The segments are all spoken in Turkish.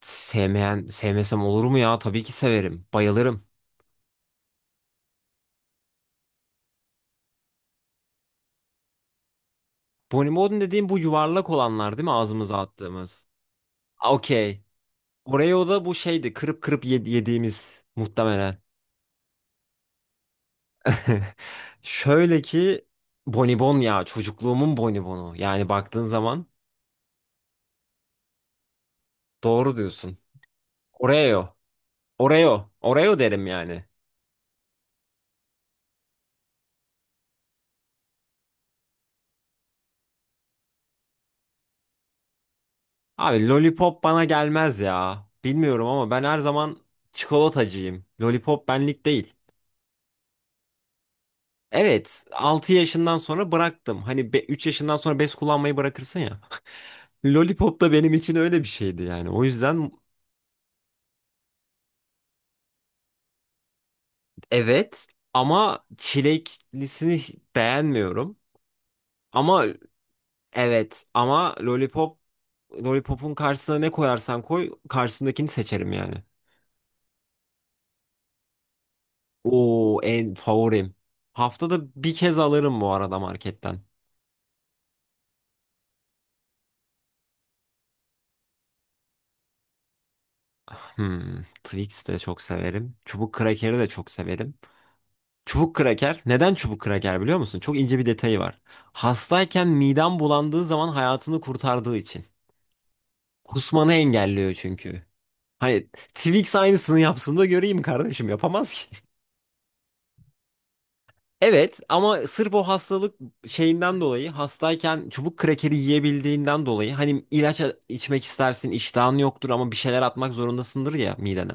Sevmeyen, sevmesem olur mu ya? Tabii ki severim. Bayılırım. Bonibon dediğim bu yuvarlak olanlar değil mi ağzımıza attığımız? Okey. Oreo da bu şeydi kırıp kırıp yediğimiz muhtemelen. Şöyle ki, Bonibon ya çocukluğumun Bonibonu. Yani baktığın zaman doğru diyorsun. Oreo. Oreo. Oreo derim yani. Abi Lollipop bana gelmez ya. Bilmiyorum ama ben her zaman çikolatacıyım. Lollipop benlik değil. Evet, 6 yaşından sonra bıraktım. Hani 3 yaşından sonra bez kullanmayı bırakırsın ya. Lollipop da benim için öyle bir şeydi yani. O yüzden evet, ama çileklisini beğenmiyorum. Ama evet ama Lollipop, Lollipop'un karşısına ne koyarsan koy karşısındakini seçerim yani. Oo, en favorim. Haftada bir kez alırım bu arada marketten. Twix de çok severim. Çubuk krakeri de çok severim. Çubuk kraker. Neden çubuk kraker biliyor musun? Çok ince bir detayı var. Hastayken midem bulandığı zaman hayatını kurtardığı için. Kusmanı engelliyor çünkü. Hani Twix aynısını yapsın da göreyim, kardeşim yapamaz ki. Evet ama sırf o hastalık şeyinden dolayı, hastayken çubuk krakeri yiyebildiğinden dolayı, hani ilaç içmek istersin, iştahın yoktur ama bir şeyler atmak zorundasındır ya midene.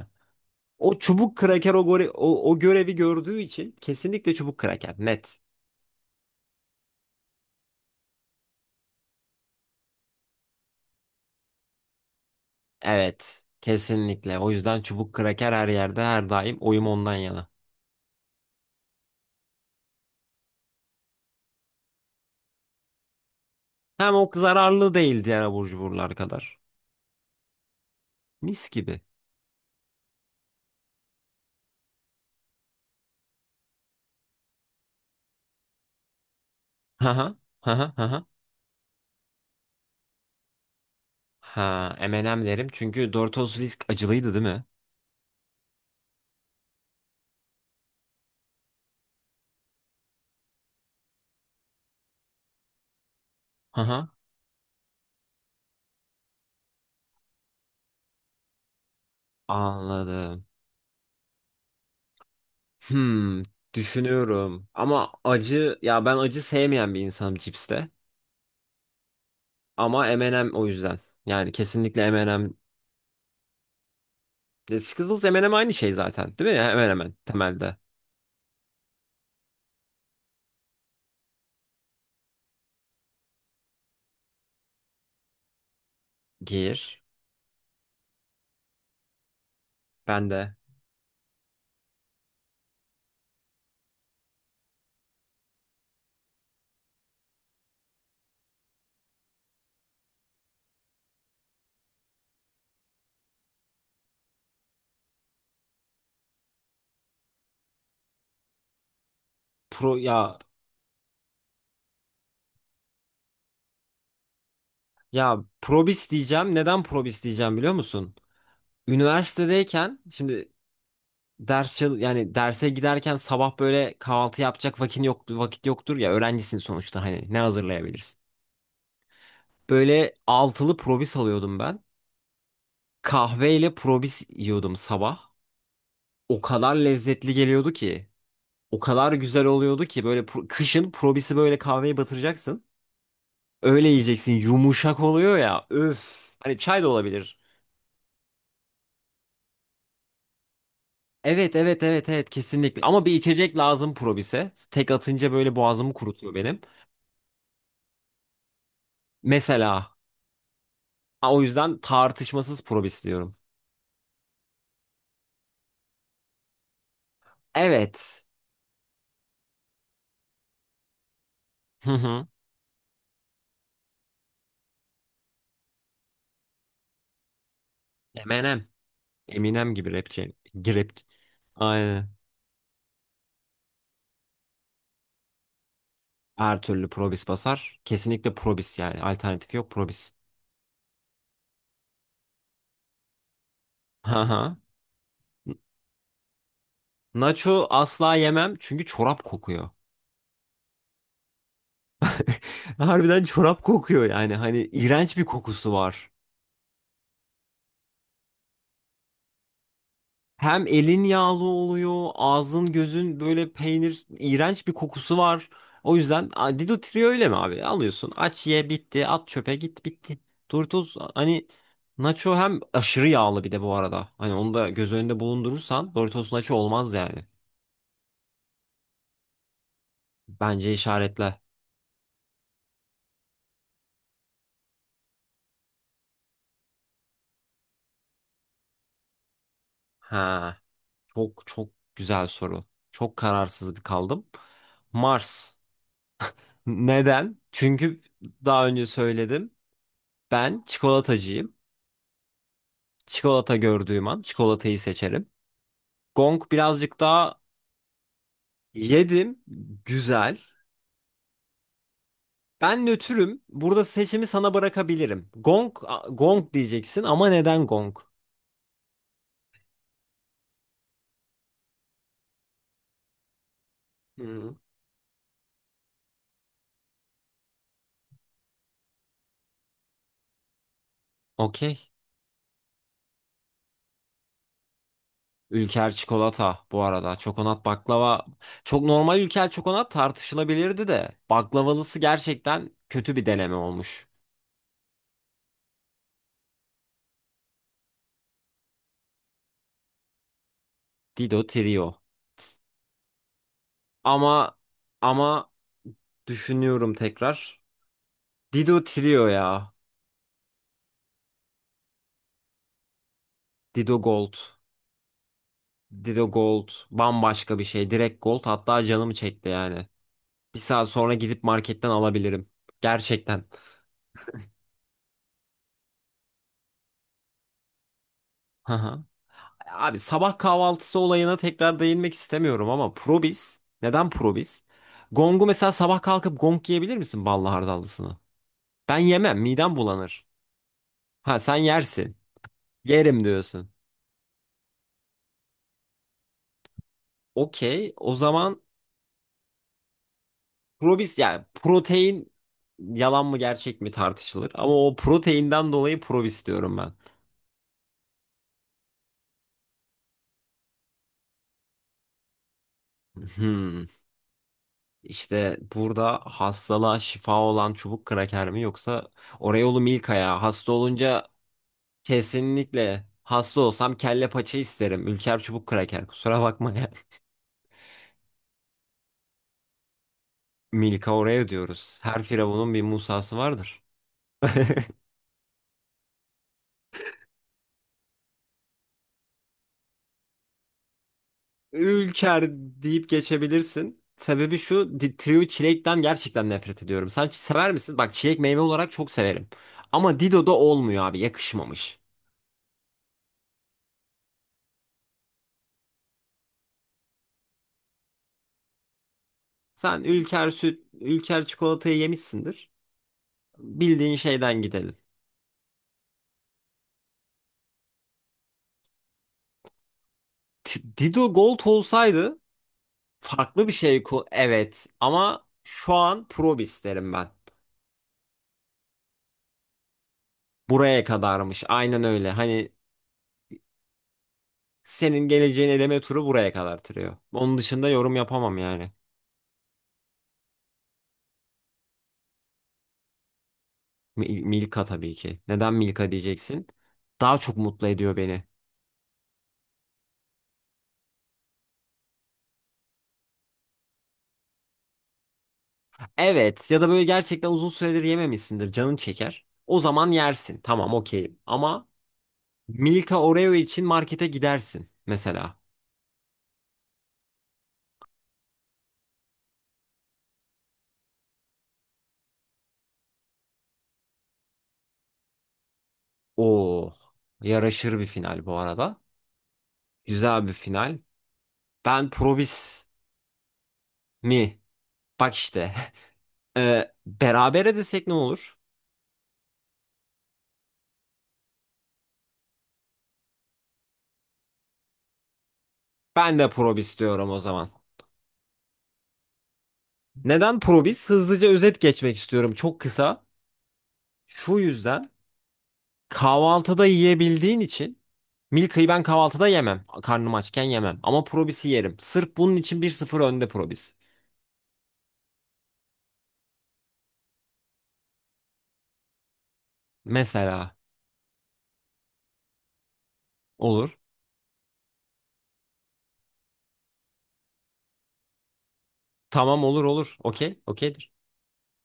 O çubuk kraker o görevi gördüğü için kesinlikle çubuk kraker, net. Evet, kesinlikle. O yüzden çubuk kraker her yerde her daim oyum ondan yana. Hem o zararlı değil diğer abur cuburlar kadar. Mis gibi. Haha, haha, haha. Ha, M&M derim çünkü Doritos Risk acılıydı değil mi? Haha, anladım. Hmm, düşünüyorum. Ama acı, ya ben acı sevmeyen bir insanım cipste. Ama M&M o yüzden. Yani kesinlikle M&M. E, Skittles M&M aynı şey zaten, değil mi? Hemen hemen temelde. Gir. Ben de. Pro ya Ya probis diyeceğim. Neden probis diyeceğim biliyor musun? Üniversitedeyken şimdi, yani derse giderken sabah böyle kahvaltı yapacak vakit yoktu, vakit yoktur ya, öğrencisin sonuçta, hani ne hazırlayabilirsin? Böyle altılı probis alıyordum ben. Kahveyle probis yiyordum sabah. O kadar lezzetli geliyordu ki. O kadar güzel oluyordu ki, böyle kışın probisi böyle kahveye batıracaksın. Öyle yiyeceksin. Yumuşak oluyor ya. Öf. Hani çay da olabilir. Evet evet evet evet, kesinlikle. Ama bir içecek lazım Probis'e. Tek atınca böyle boğazımı kurutuyor benim. Mesela, ha, o yüzden tartışmasız Probis diyorum. Evet. Hı hı. Eminem. Eminem gibi rapçi. Girip. Aynen. Her türlü Probis basar. Kesinlikle Probis yani. Alternatif yok, Probis. Hı hı. Nacho asla yemem çünkü çorap kokuyor. Harbiden çorap kokuyor yani. Hani iğrenç bir kokusu var. Hem elin yağlı oluyor, ağzın gözün böyle peynir, iğrenç bir kokusu var. O yüzden a, Dido Trio öyle mi abi? Alıyorsun, aç, ye, bitti, at çöpe, git, bitti. Doritos hani Nacho hem aşırı yağlı bir de bu arada. Hani onu da göz önünde bulundurursan Doritos Nacho olmaz yani. Bence işaretle. Ha, çok çok güzel soru. Çok kararsız bir kaldım. Mars. Neden? Çünkü daha önce söyledim. Ben çikolatacıyım. Çikolata gördüğüm an çikolatayı seçerim. Gong birazcık daha yedim. Güzel. Ben nötrüm. Burada seçimi sana bırakabilirim. Gong, gong diyeceksin ama neden gong? Hı. Okey. Ülker çikolata bu arada. Çokonat baklava. Çok normal, ülker çokonat tartışılabilirdi de. Baklavalısı gerçekten kötü bir deneme olmuş. Dido Trio. Ama ama düşünüyorum tekrar. Dido Trio ya. Dido Gold. Dido Gold bambaşka bir şey. Direkt Gold hatta canımı çekti yani. Bir saat sonra gidip marketten alabilirim. Gerçekten. Hı hı. Abi sabah kahvaltısı olayına tekrar değinmek istemiyorum ama Probis. Neden Probis? Gong'u mesela sabah kalkıp Gong yiyebilir misin, ballı hardallısını? Ben yemem. Midem bulanır. Ha sen yersin. Yerim diyorsun. Okey. O zaman Probis, yani protein yalan mı gerçek mi tartışılır. Ama o proteinden dolayı Probis diyorum ben. Hmm. İşte burada hastalığa şifa olan çubuk kraker mi, yoksa Oreo'lu Milka ya. Hasta olunca, kesinlikle hasta olsam kelle paça isterim. Ülker çubuk kraker, kusura bakma ya. Milka Oreo diyoruz. Her firavunun bir Musa'sı vardır. Ülker deyip geçebilirsin. Sebebi şu, Trio çilekten gerçekten nefret ediyorum. Sen sever misin? Bak çilek meyve olarak çok severim. Ama Dido'da olmuyor abi, yakışmamış. Sen Ülker süt, Ülker çikolatayı yemişsindir. Bildiğin şeyden gidelim. Dido Gold olsaydı farklı bir şey evet, ama şu an Probis derim ben. Buraya kadarmış. Aynen öyle. Hani senin geleceğin eleme turu buraya kadar tırıyor. Onun dışında yorum yapamam yani. Milka tabii ki. Neden Milka diyeceksin? Daha çok mutlu ediyor beni. Evet, ya da böyle gerçekten uzun süredir yememişsindir. Canın çeker. O zaman yersin. Tamam, okeyim. Ama Milka Oreo için markete gidersin mesela. O yaraşır bir final bu arada. Güzel bir final. Ben Probis mi? Bak işte. Berabere desek ne olur? Ben de Probis diyorum o zaman. Neden Probis? Hızlıca özet geçmek istiyorum. Çok kısa. Şu yüzden kahvaltıda yiyebildiğin için, Milka'yı ben kahvaltıda yemem. Karnım açken yemem. Ama Probis'i yerim. Sırf bunun için 1-0 önde Probis. Mesela. Olur. Tamam, olur olur. Okey. Okeydir.